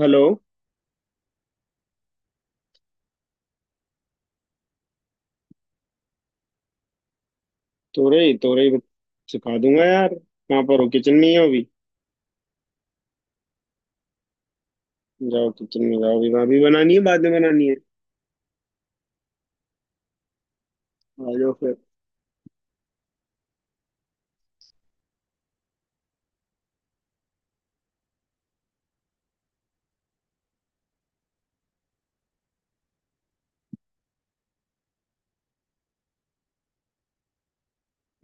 Hello. तोरई तोरई बत- सिखा दूंगा यार। कहाँ पर हो? किचन में ही हो अभी? जाओ किचन में जाओ। अभी भाभी बनानी है बाद में बनानी है? आ जाओ फिर।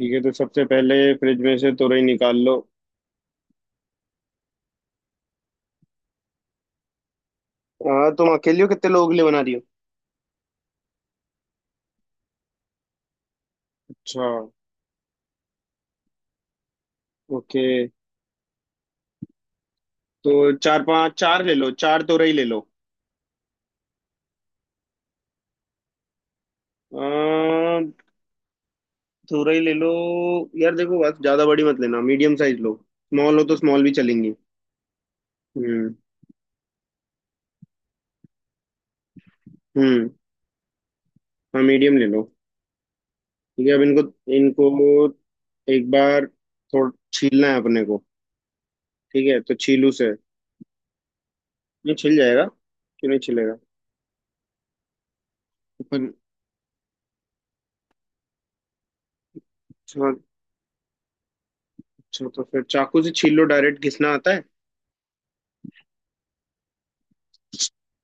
ठीक है, तो सबसे पहले फ्रिज में से तोरई निकाल लो। हाँ तुम अकेले हो? कितने लोगों के लिए बना रही हो? अच्छा। ओके। तो चार पांच चार ले लो, चार तोरई ले लो। आ, तोरई ले लो। यार देखो, बस ज्यादा बड़ी मत लेना, मीडियम साइज लो। स्मॉल हो तो स्मॉल भी चलेंगी। हम्म। हम्म। हाँ मीडियम ले लो। ठीक है अब इनको इनको एक बार थोड़ा छीलना है अपने को। ठीक है, तो छीलू से। नहीं छिल जाएगा। क्यों नहीं छिलेगा? अपन। अच्छा। अच्छा, तो फिर चाकू से छील लो, डायरेक्ट घिसना आता है।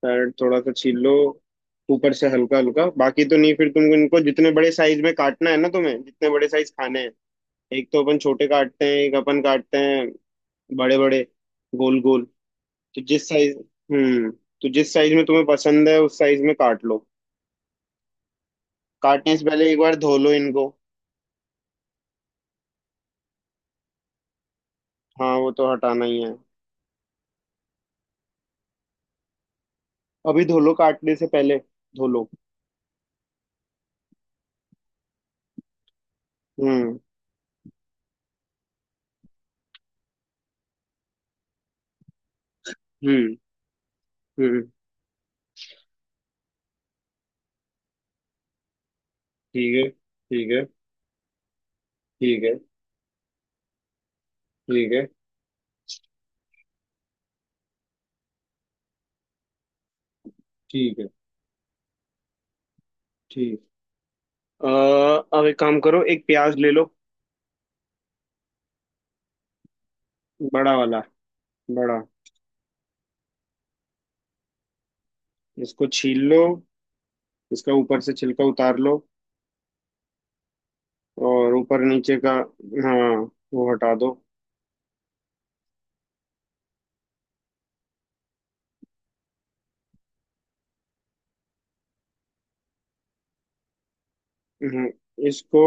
डायरेक्ट थोड़ा सा छील लो ऊपर से हल्का हल्का। बाकी तो नहीं, फिर तुमको इनको जितने बड़े साइज में काटना है ना, तुम्हें जितने बड़े साइज खाने हैं। एक तो अपन छोटे काटते हैं, एक अपन काटते हैं बड़े बड़े, गोल गोल। तो जिस साइज हम्म तो जिस साइज में तुम्हें पसंद है उस साइज में काट लो। काटने से पहले एक बार धो लो इनको। हाँ, वो तो हटाना ही है। अभी धो लो, काटने से पहले धो लो। हम्म। हम्म। हम्म। ठीक है। ठीक है। ठीक है। ठीक है। ठीक है। ठीक। अ, अब एक काम करो, एक प्याज ले लो। बड़ा वाला, बड़ा। इसको छील लो, इसका ऊपर से छिलका उतार लो। और ऊपर नीचे का, हाँ वो हटा दो। हम्म, इसको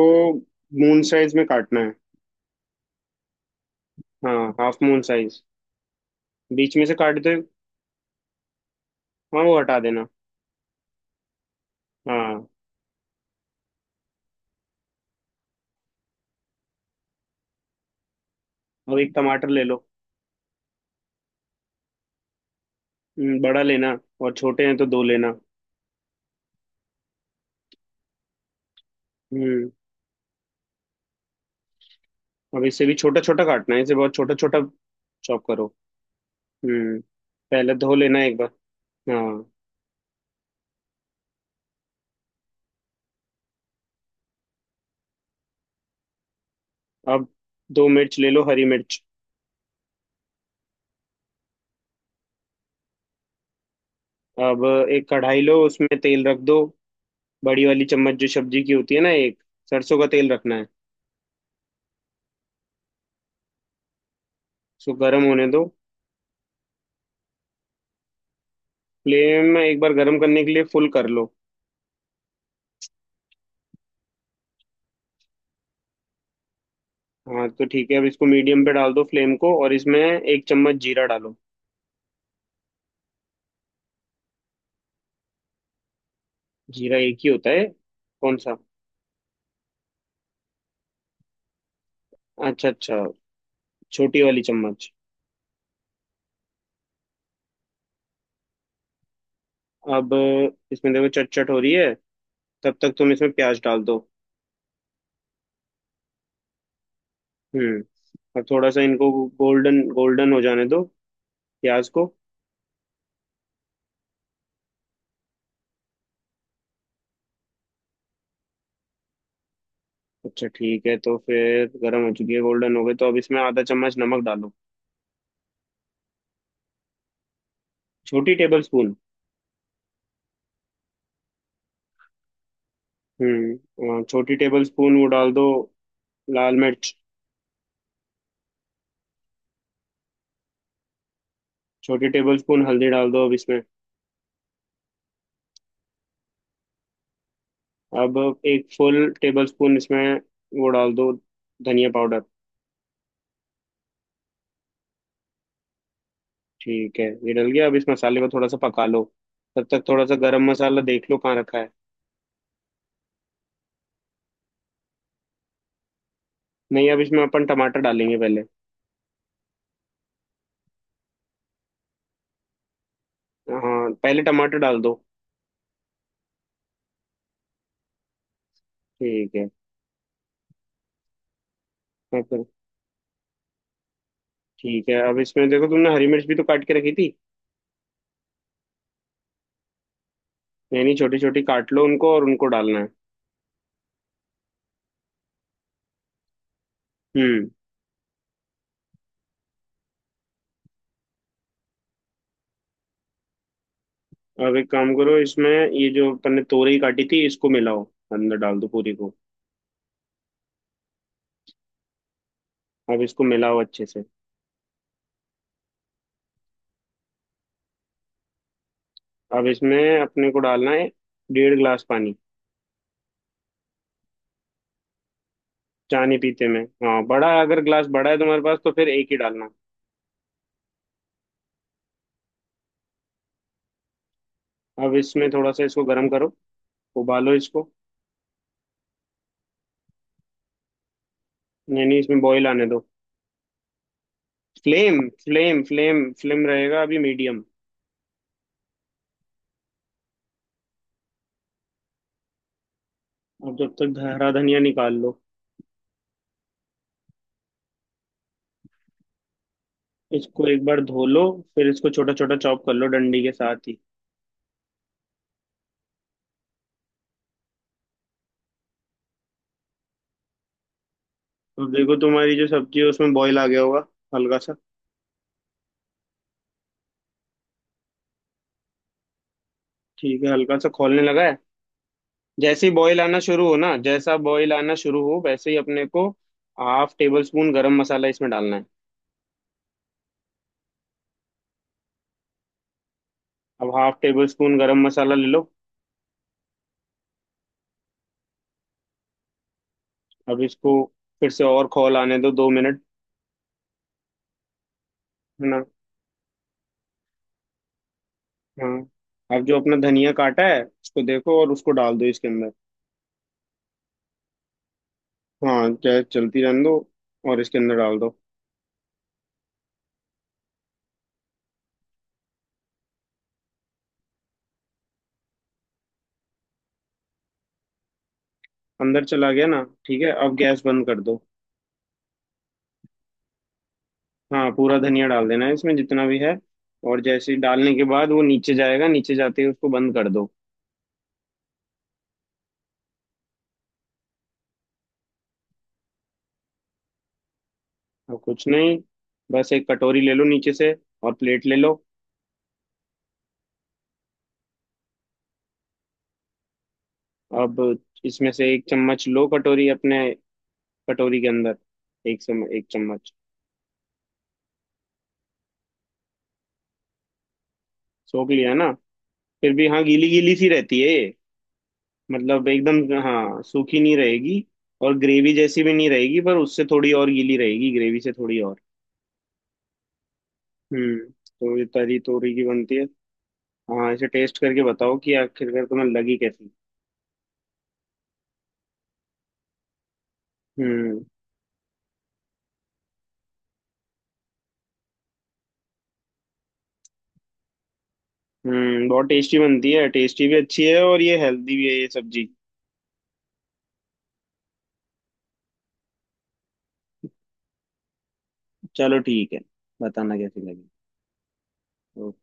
मून साइज में काटना है। हाँ, हाफ मून साइज। बीच में से काट दो। हाँ, वो हटा देना। हाँ। अब एक टमाटर ले लो। बड़ा लेना और छोटे हैं तो दो लेना। हम्म। अब इसे भी छोटा छोटा काटना है, इसे बहुत छोटा छोटा चॉप करो। हम्म। पहले धो लेना एक बार। हाँ। अब दो मिर्च ले लो, हरी मिर्च। अब एक कढ़ाई लो, उसमें तेल रख दो। बड़ी वाली चम्मच जो सब्जी की होती है ना, एक। सरसों का तेल रखना है। इसको गर्म होने दो। फ्लेम एक बार गर्म करने के लिए फुल कर लो। हाँ तो ठीक है, अब इसको मीडियम पे डाल दो फ्लेम को, और इसमें 1 चम्मच जीरा डालो। जीरा एक ही होता है। कौन सा? अच्छा अच्छा। छोटी वाली चम्मच। अब इसमें देखो, चट चट हो रही है, तब तक तुम इसमें प्याज डाल दो। हम्म। अब थोड़ा सा इनको गोल्डन गोल्डन हो जाने दो, प्याज को। अच्छा ठीक है, तो फिर गर्म हो चुकी है, गोल्डन हो गई, तो अब इसमें आधा चम्मच नमक डालो। छोटी टेबल स्पून। हम्म। छोटी टेबल स्पून वो डाल दो, लाल मिर्च। छोटी टेबल स्पून हल्दी डाल दो अब इसमें। अब एक फुल टेबल स्पून इसमें वो डाल दो, धनिया पाउडर। ठीक है, ये डल गया, अब इस मसाले को थोड़ा सा पका लो। तब तक थोड़ा सा गरम मसाला देख लो कहाँ रखा है। नहीं, अब इसमें अपन टमाटर डालेंगे पहले। हाँ, पहले टमाटर डाल दो। ठीक है। हाँ, ठीक है, अब इसमें देखो, तुमने हरी मिर्च भी तो काट के रखी थी। यानी छोटी छोटी काट लो उनको और उनको डालना है। हम्म। अब एक काम करो, इसमें ये जो अपन ने तोरई काटी थी इसको मिलाओ, अंदर डाल दो पूरी को। अब इसको मिलाओ अच्छे से। अब इसमें अपने को डालना है डेढ़ ग्लास पानी। चाय नहीं पीते में, हाँ बड़ा है, अगर ग्लास बड़ा है तुम्हारे पास तो फिर एक ही डालना। अब इसमें थोड़ा सा इसको गर्म करो, उबालो इसको। नहीं नहीं, इसमें बॉईल आने दो। फ्लेम फ्लेम फ्लेम फ्लेम रहेगा अभी मीडियम। अब जब तक हरा धनिया निकाल लो। इसको एक बार धो लो, फिर इसको छोटा छोटा चॉप कर लो डंडी के साथ ही। अब देखो, तुम्हारी जो सब्जी है उसमें बॉईल आ गया होगा हल्का सा। ठीक है, हल्का सा खौलने लगा है। जैसे ही बॉईल आना शुरू हो ना, जैसा बॉईल आना शुरू हो वैसे ही अपने को हाफ टेबल स्पून गरम मसाला इसमें डालना है। अब हाफ टेबल स्पून गरम मसाला ले लो। अब इसको फिर से और खौल आने दो 2 मिनट, है ना। हाँ। अब जो अपना धनिया काटा है उसको देखो और उसको डाल दो इसके अंदर। हाँ, गैस चलती रहने दो और इसके अंदर डाल दो। अंदर चला गया ना, ठीक है, अब गैस बंद कर दो। हाँ, पूरा धनिया डाल देना है इसमें जितना भी है। और जैसे ही डालने के बाद वो नीचे जाएगा, नीचे जाते ही उसको बंद कर दो। अब कुछ नहीं, बस एक कटोरी ले लो नीचे से और प्लेट ले लो। अब इसमें से एक चम्मच लो कटोरी अपने, कटोरी के अंदर एक चम्मच। सोख लिया ना? फिर भी हाँ, गीली गीली सी रहती है ये, मतलब एकदम। हाँ, सूखी नहीं रहेगी और ग्रेवी जैसी भी नहीं रहेगी, पर उससे थोड़ी और गीली रहेगी, ग्रेवी से थोड़ी और। हम्म, तो ये तरी तोरी की बनती है। हाँ, इसे टेस्ट करके बताओ कि आखिरकार तुम्हें लगी कैसी। हम्म। हम्म। बहुत टेस्टी बनती है, टेस्टी भी अच्छी है और ये हेल्दी भी है ये सब्जी। चलो ठीक है। बताना कैसी लगी।